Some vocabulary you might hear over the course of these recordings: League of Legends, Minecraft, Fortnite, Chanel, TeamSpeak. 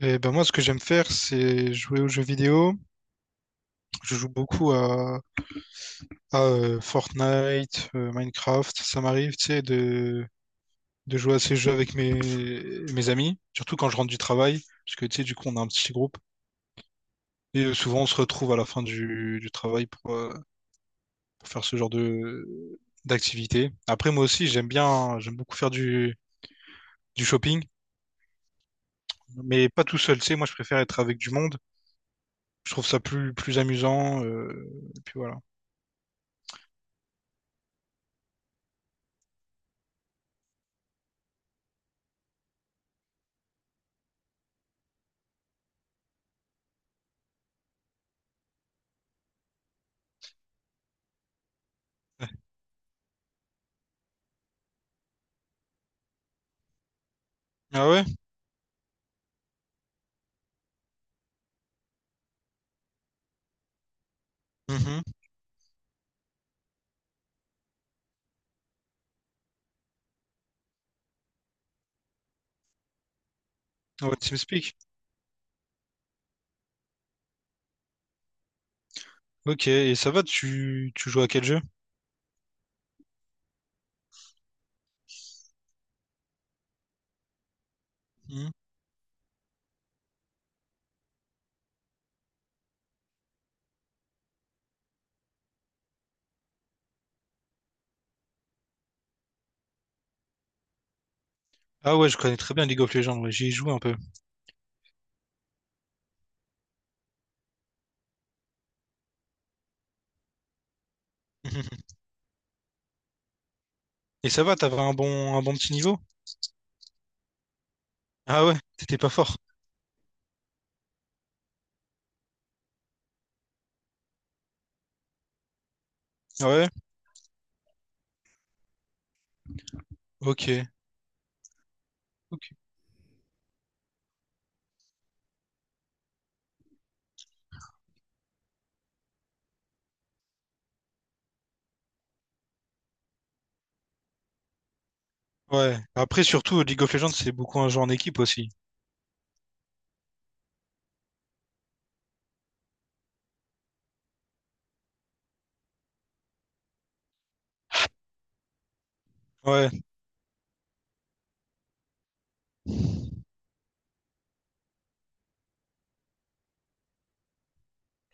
Et ben moi, ce que j'aime faire, c'est jouer aux jeux vidéo. Je joue beaucoup à Fortnite, Minecraft. Ça m'arrive, tu sais, de jouer à ces jeux avec mes amis, surtout quand je rentre du travail, parce que, tu sais, du coup, on a un petit groupe. Souvent, on se retrouve à la fin du travail pour faire ce genre de d'activité. Après, moi aussi, j'aime beaucoup faire du shopping, mais pas tout seul, tu sais. Moi, je préfère être avec du monde. Je trouve ça plus amusant. Et puis voilà. Ah ouais? Mhm. Ouais, TeamSpeak. Ok, et ça va, tu joues à quel jeu? Mhm. Ah ouais, je connais très bien League of Legends, ouais, j'y ai joué un peu. Mhm. Et ça va, t'avais un un bon petit niveau? Ah ouais, t'étais pas fort. Ah ouais, ok, ok. Ouais, après surtout League of Legends, c'est beaucoup un jeu en équipe aussi. Ouais,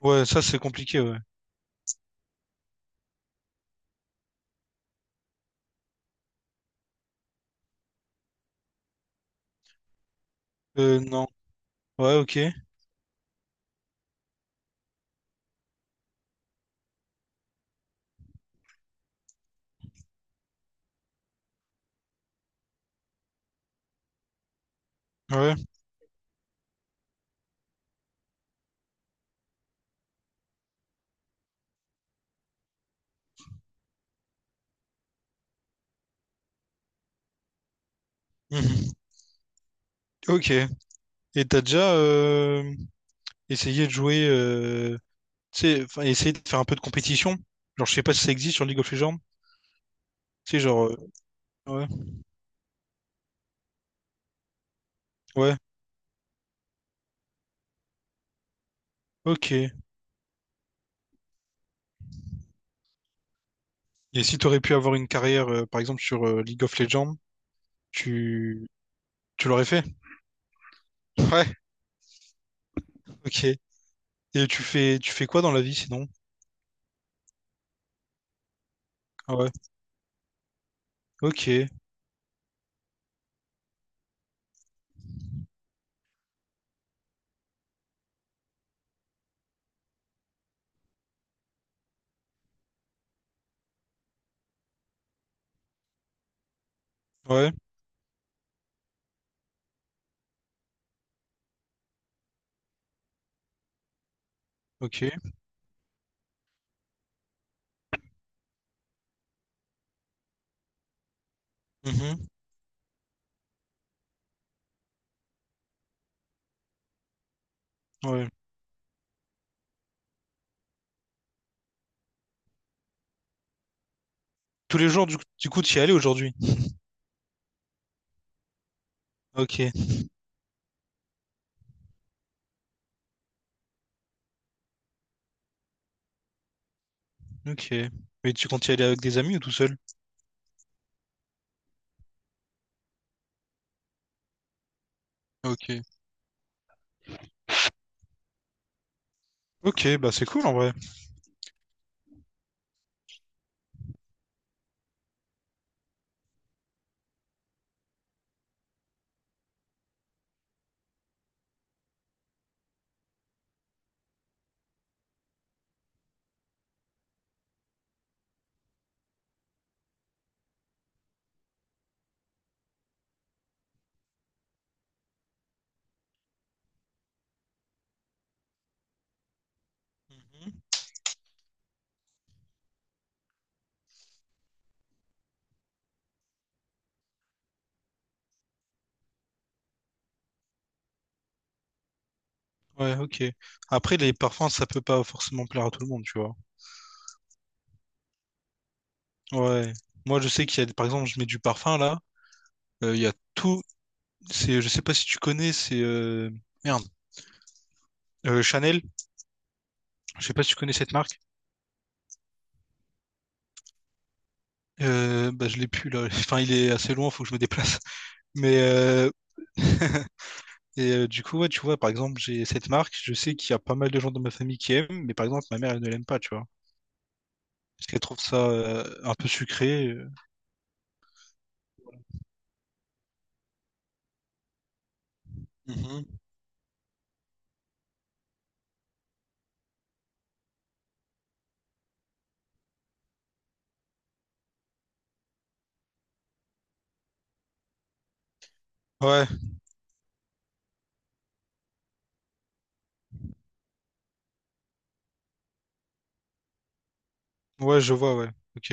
ouais, ça c'est compliqué, ouais. Non. Ouais, ok. Ouais. Mhm. Ok. Et t'as essayer de tu sais, enfin, essayer de faire un peu de compétition. Genre, je sais pas si ça existe sur League of Legends. Tu sais, ouais, ouais, ok. Et si t'aurais pu avoir une par exemple, sur League of Legends, tu, tu l'aurais fait? Ouais, ok. Et tu fais quoi dans la vie sinon? Ah ouais, ok, ouais, ok, mhm, ouais. Tous les jours, du coup, t'y allais aujourd'hui? Ok, ok. Mais tu comptes y aller avec des amis ou tout seul? Ok. Ok, bah c'est cool en vrai. Mhm. Ouais, ok. Après, les parfums, ça peut pas forcément plaire à tout le monde, tu vois. Ouais. Moi, je sais qu'il y a, des- par exemple, je mets du parfum là. Il y a tout. C'est, je sais pas si tu connais, c'est merde, Chanel. Je sais pas si tu connais cette marque. Bah, je l'ai plus là. Enfin, il est assez loin, faut que je me déplace. Mais et du coup, ouais, tu vois, par exemple, j'ai cette marque. Je sais qu'il y a pas mal de gens dans ma famille qui aiment, mais par exemple, ma mère, elle ne l'aime pas, tu vois, parce qu'elle trouve ça un peu sucré. Mhm. Ouais, ouais, je vois, ouais. Ok.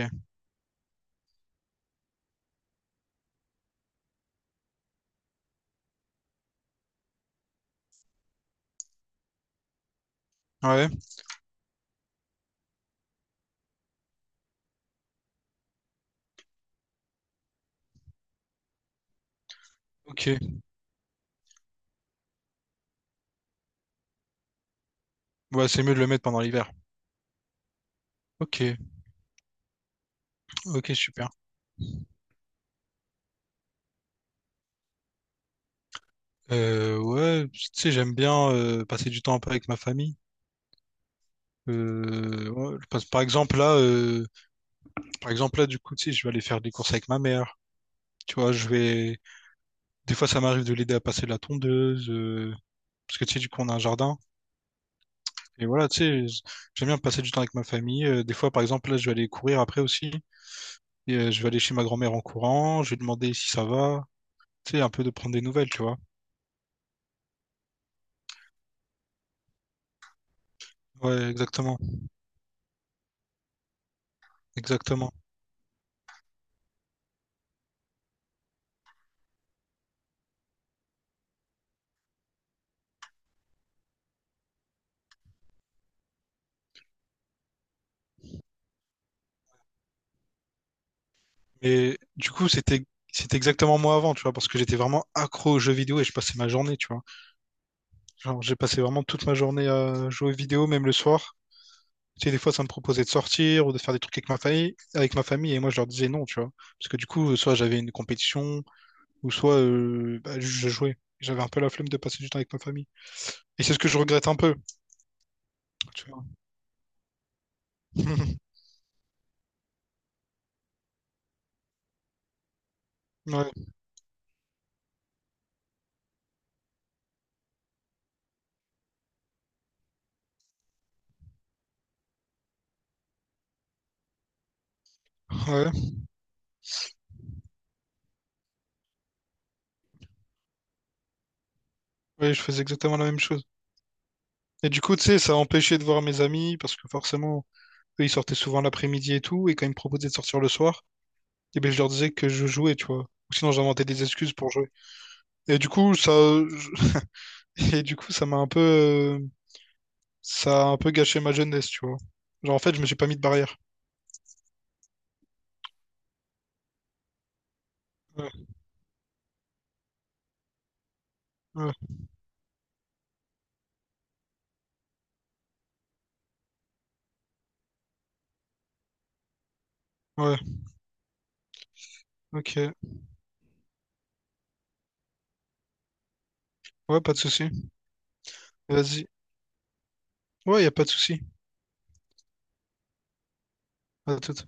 Ouais. Ok. Ouais, c'est mieux de le mettre pendant l'hiver. Ok, ok, super. Ouais, tu sais, j'aime bien passer du temps un peu avec ma famille. Ouais, parce- par exemple là, du coup, tu sais, je vais aller faire des courses avec ma mère. Tu vois, je vais. Des fois, ça m'arrive de l'aider à passer la parce que tu sais, du coup, on a un jardin. Et voilà, tu sais, j'aime bien passer du temps avec ma famille. Des fois, par exemple, là, je vais aller courir après aussi. Et, je vais aller chez ma grand-mère en courant. Je vais demander si ça va. Tu sais, un peu de prendre des nouvelles, tu vois. Ouais, exactement. Et du coup, c'était exactement moi avant, tu vois, parce que j'étais vraiment accro aux jeux vidéo et je passais ma journée, tu vois. Genre, j'ai passé vraiment toute ma journée à jouer vidéo, même le soir. Tu sais, des fois, ça me proposait de sortir ou de faire des trucs avec ma famille, et moi, je leur disais non, tu vois. Parce que du coup, soit j'avais une compétition, ou soit bah, je jouais. J'avais un peu la flemme de passer du temps avec ma famille. Et c'est ce que je regrette un peu, tu vois. Ouais, ouais, ouais, je faisais exactement la même chose. Et du coup, tu sais, ça empêchait de voir mes amis, parce que forcément, eux, ils sortaient souvent l'après-midi et tout, et quand ils me proposaient de sortir le soir, eh ben, je leur disais que je jouais, tu vois. Ou sinon, j'inventais des excuses pour jouer. Et du coup, et du coup, ça m'a un ça a un peu gâché ma jeunesse, tu vois. Genre, en fait, je me suis pas mis de barrière. Ouais, ouais, ouais, ok. Ouais, pas de souci. Vas-y. Ouais, y a pas de souci. À tout